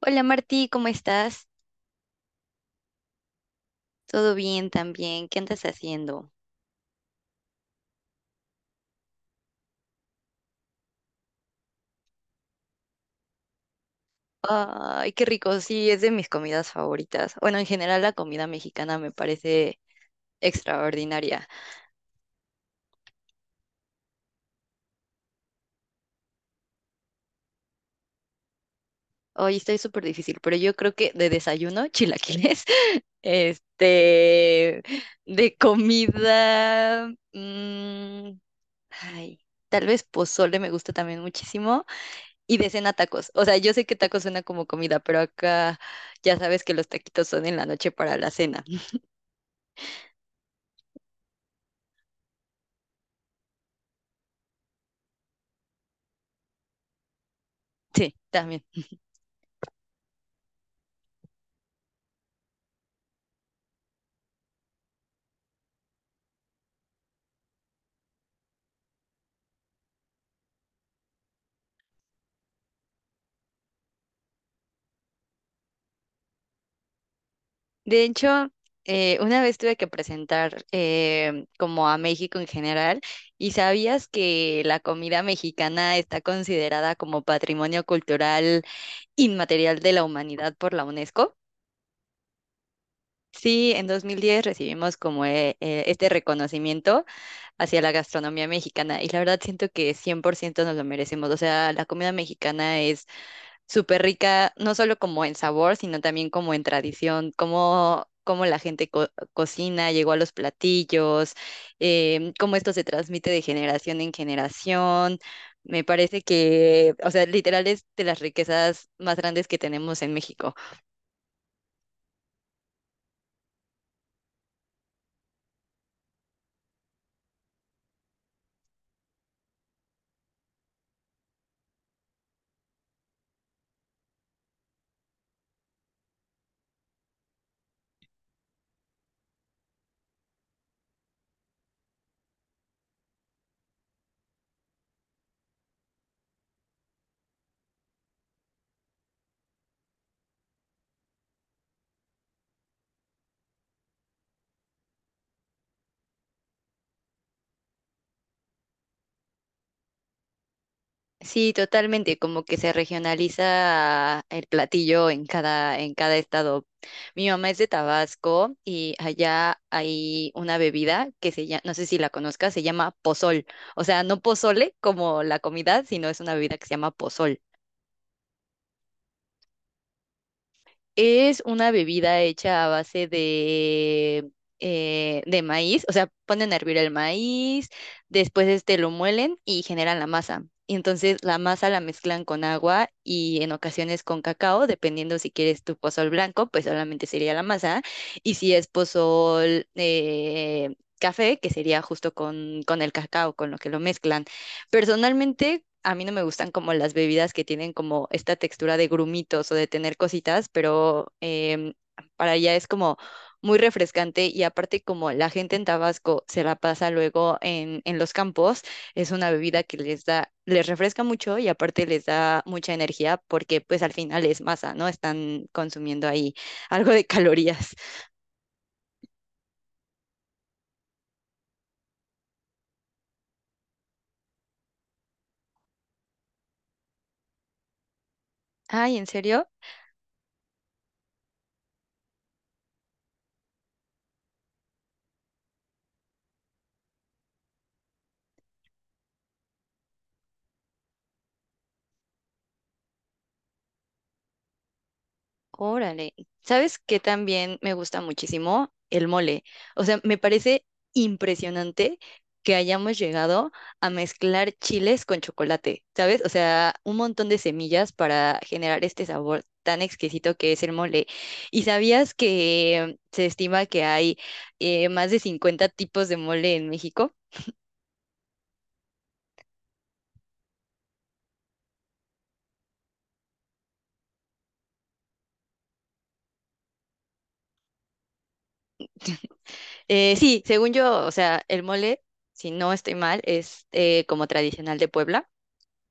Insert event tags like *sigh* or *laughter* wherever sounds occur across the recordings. Hola Martí, ¿cómo estás? ¿Todo bien también? ¿Qué andas haciendo? Ay, qué rico, sí, es de mis comidas favoritas. Bueno, en general la comida mexicana me parece extraordinaria. Hoy estoy súper difícil, pero yo creo que de desayuno, chilaquiles, *laughs* este, de comida, ay, tal vez pozole me gusta también muchísimo y de cena tacos. O sea, yo sé que tacos suena como comida, pero acá ya sabes que los taquitos son en la noche para la cena. Sí, también. De hecho, una vez tuve que presentar como a México en general, y sabías que la comida mexicana está considerada como patrimonio cultural inmaterial de la humanidad por la UNESCO. Sí, en 2010 recibimos como este reconocimiento hacia la gastronomía mexicana y la verdad siento que 100% nos lo merecemos. O sea, la comida mexicana súper rica, no solo como en sabor, sino también como en tradición, cómo, cómo la gente cocina, llegó a los platillos, cómo esto se transmite de generación en generación. Me parece que, o sea, literal es de las riquezas más grandes que tenemos en México. Sí, totalmente, como que se regionaliza el platillo en cada estado. Mi mamá es de Tabasco y allá hay una bebida que se llama, no sé si la conozcas, se llama pozol. O sea, no pozole como la comida, sino es una bebida que se llama pozol. Es una bebida hecha a base de maíz, o sea, ponen a hervir el maíz, después este lo muelen y generan la masa. Y entonces la masa la mezclan con agua y en ocasiones con cacao, dependiendo si quieres tu pozol blanco, pues solamente sería la masa. Y si es pozol café, que sería justo con el cacao, con lo que lo mezclan. Personalmente, a mí no me gustan como las bebidas que tienen como esta textura de grumitos o de tener cositas, pero em, para ella es como muy refrescante y aparte como la gente en Tabasco se la pasa luego en los campos, es una bebida que les da, les refresca mucho y aparte les da mucha energía porque pues al final es masa, ¿no? Están consumiendo ahí algo de calorías. Ay, ¿en serio? Órale, ¿sabes qué también me gusta muchísimo? El mole. O sea, me parece impresionante que hayamos llegado a mezclar chiles con chocolate, ¿sabes? O sea, un montón de semillas para generar este sabor tan exquisito que es el mole. ¿Y sabías que se estima que hay más de 50 tipos de mole en México? Sí, según yo, o sea, el mole, si no estoy mal, es como tradicional de Puebla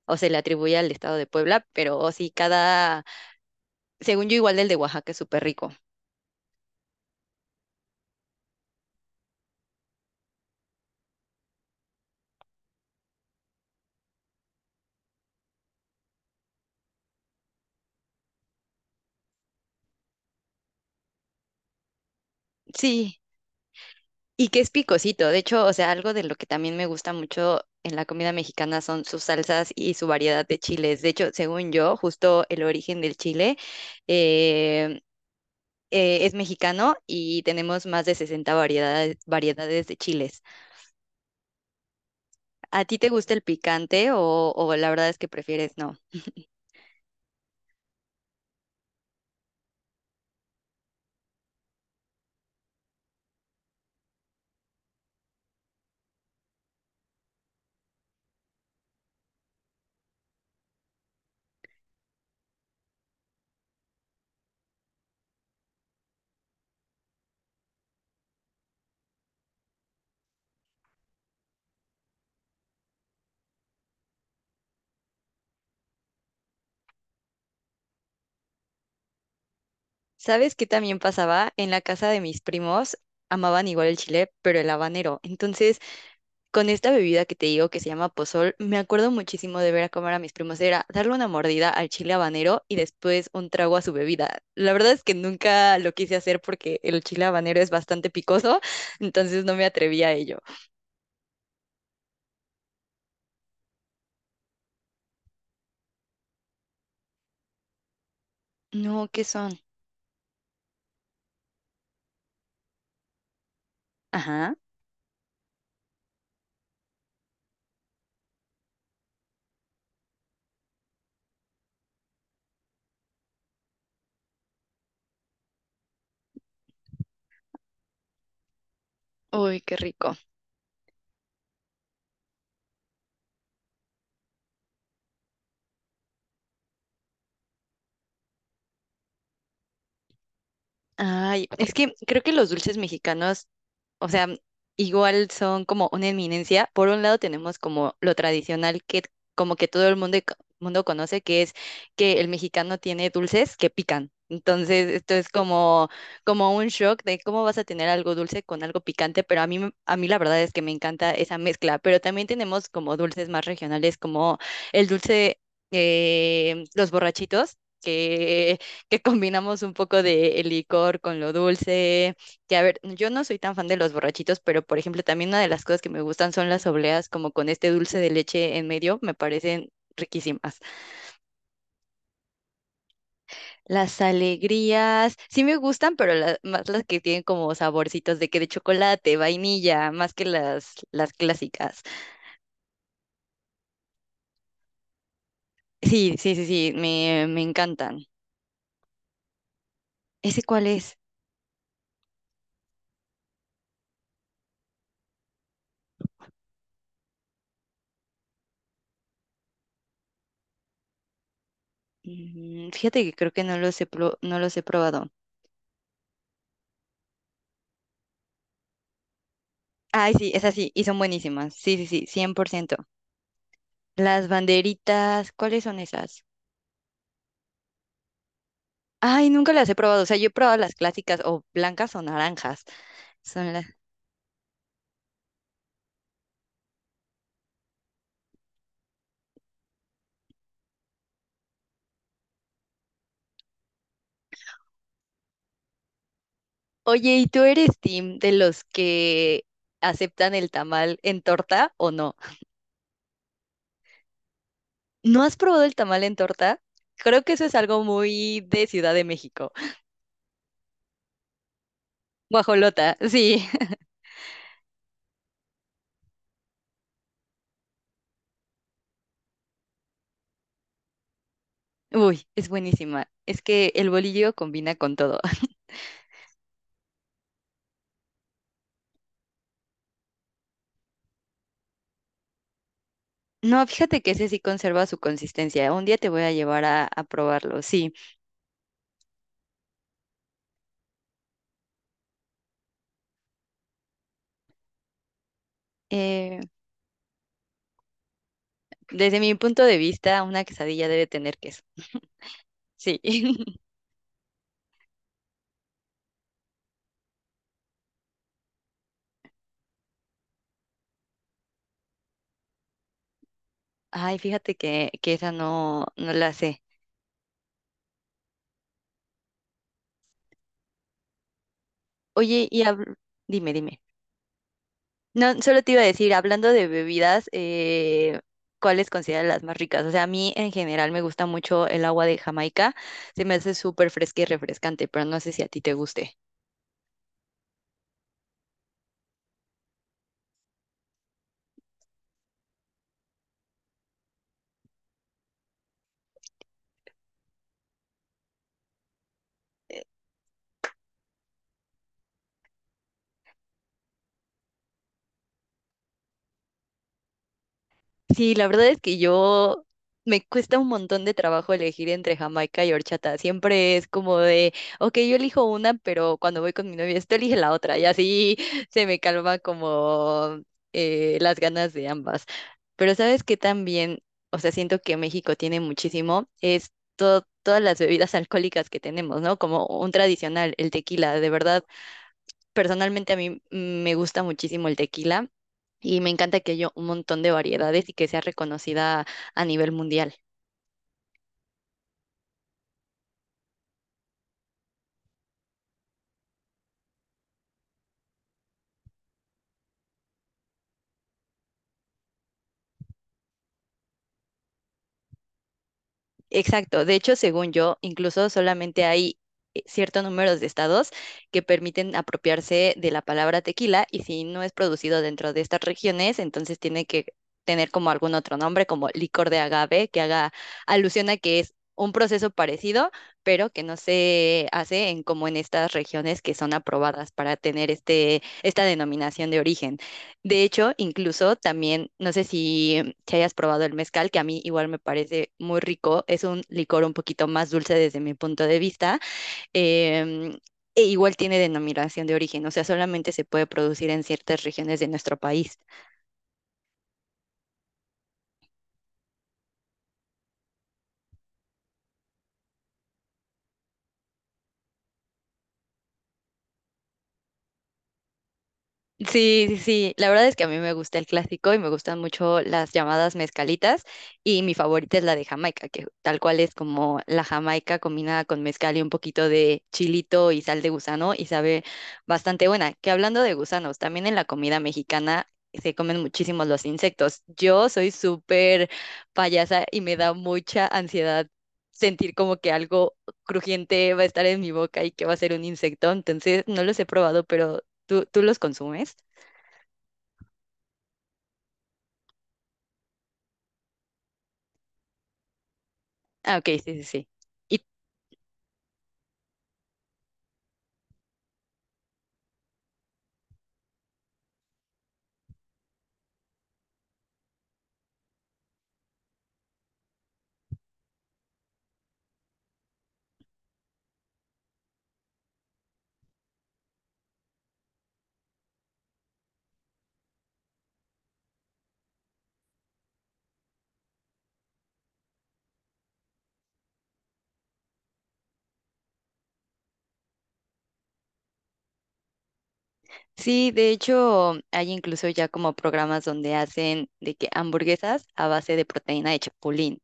o se le atribuye al estado de Puebla, pero sí, cada, según yo, igual del de Oaxaca es súper rico. Sí, y que es picosito. De hecho, o sea, algo de lo que también me gusta mucho en la comida mexicana son sus salsas y su variedad de chiles. De hecho, según yo, justo el origen del chile eh, es mexicano y tenemos más de 60 variedades, variedades de chiles. ¿A ti te gusta el picante o la verdad es que prefieres no? ¿Sabes qué también pasaba? En la casa de mis primos amaban igual el chile, pero el habanero. Entonces, con esta bebida que te digo que se llama pozol, me acuerdo muchísimo de ver a comer a mis primos. Era darle una mordida al chile habanero y después un trago a su bebida. La verdad es que nunca lo quise hacer porque el chile habanero es bastante picoso, *laughs* entonces no me atreví a ello. No, ¿qué son? Ajá. Uy, qué rico. Ay, es que *laughs* creo que los dulces mexicanos, o sea, igual son como una eminencia. Por un lado tenemos como lo tradicional que como que todo el mundo, mundo conoce, que es que el mexicano tiene dulces que pican. Entonces, esto es como, como un shock de cómo vas a tener algo dulce con algo picante, pero a mí, a mí la verdad es que me encanta esa mezcla. Pero también tenemos como dulces más regionales, como el dulce, los borrachitos, que combinamos un poco de el licor con lo dulce, que a ver, yo no soy tan fan de los borrachitos, pero por ejemplo, también una de las cosas que me gustan son las obleas, como con este dulce de leche en medio, me parecen riquísimas. Las alegrías, sí me gustan, pero más las que tienen como saborcitos de que de chocolate, vainilla, más que las clásicas. Sí, sí, sí, sí, me encantan. ¿Ese cuál es? Fíjate que creo que no los he, no los he probado. Ay, sí, esas sí, y son buenísimas. Sí, sí, sí, cien por ciento. Las banderitas, ¿cuáles son esas? Ay, nunca las he probado. O sea, yo he probado las clásicas o blancas o naranjas. Son las... Oye, ¿y tú eres team de los que aceptan el tamal en torta o no? ¿No has probado el tamal en torta? Creo que eso es algo muy de Ciudad de México. Guajolota, sí. *laughs* Uy, es buenísima. Es que el bolillo combina con todo. No, fíjate que ese sí conserva su consistencia. Un día te voy a llevar a probarlo, sí. Eh, desde mi punto de vista, una quesadilla debe tener queso. Sí. *laughs* Ay, fíjate que esa no, no la sé. Oye, y dime, dime. No, solo te iba a decir, hablando de bebidas, ¿cuáles consideras las más ricas? O sea, a mí en general me gusta mucho el agua de Jamaica. Se me hace súper fresca y refrescante, pero no sé si a ti te guste. Sí, la verdad es que yo me cuesta un montón de trabajo elegir entre jamaica y horchata. Siempre es como de, ok, yo elijo una, pero cuando voy con mi novia, esto elige la otra. Y así *laughs* se me calma como las ganas de ambas. Pero sabes que también, o sea, siento que México tiene muchísimo, es todas las bebidas alcohólicas que tenemos, ¿no? Como un tradicional, el tequila. De verdad, personalmente a mí me gusta muchísimo el tequila. Y me encanta que haya un montón de variedades y que sea reconocida a nivel mundial. Exacto. De hecho, según yo, incluso solamente hay cierto número de estados que permiten apropiarse de la palabra tequila y si no es producido dentro de estas regiones, entonces tiene que tener como algún otro nombre, como licor de agave, que haga alusión a que es un proceso parecido, pero que no se hace en como en estas regiones que son aprobadas para tener este, esta denominación de origen. De hecho, incluso también, no sé si te hayas probado el mezcal, que a mí igual me parece muy rico. Es un licor un poquito más dulce desde mi punto de vista. em, e igual tiene denominación de origen, o sea, solamente se puede producir en ciertas regiones de nuestro país. Sí, sí, sí. La verdad es que a mí me gusta el clásico y me gustan mucho las llamadas mezcalitas y mi favorita es la de Jamaica, que tal cual es como la Jamaica combinada con mezcal y un poquito de chilito y sal de gusano y sabe bastante buena. Que hablando de gusanos, también en la comida mexicana se comen muchísimos los insectos. Yo soy súper payasa y me da mucha ansiedad sentir como que algo crujiente va a estar en mi boca y que va a ser un insecto. Entonces, no los he probado, pero ¿Tú los consumes? Ah, ok, sí, sí, sí. Y sí, de hecho, hay incluso ya como programas donde hacen de que hamburguesas a base de proteína de chapulín.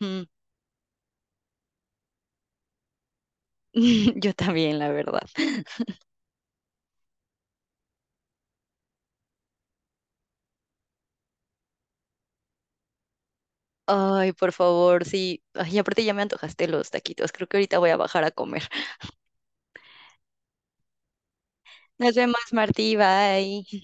Mm, *laughs* Yo también, la verdad. Ay, por favor, sí. Ay, aparte ya me antojaste los taquitos. Creo que ahorita voy a bajar a comer. Nos vemos, Martí. Bye.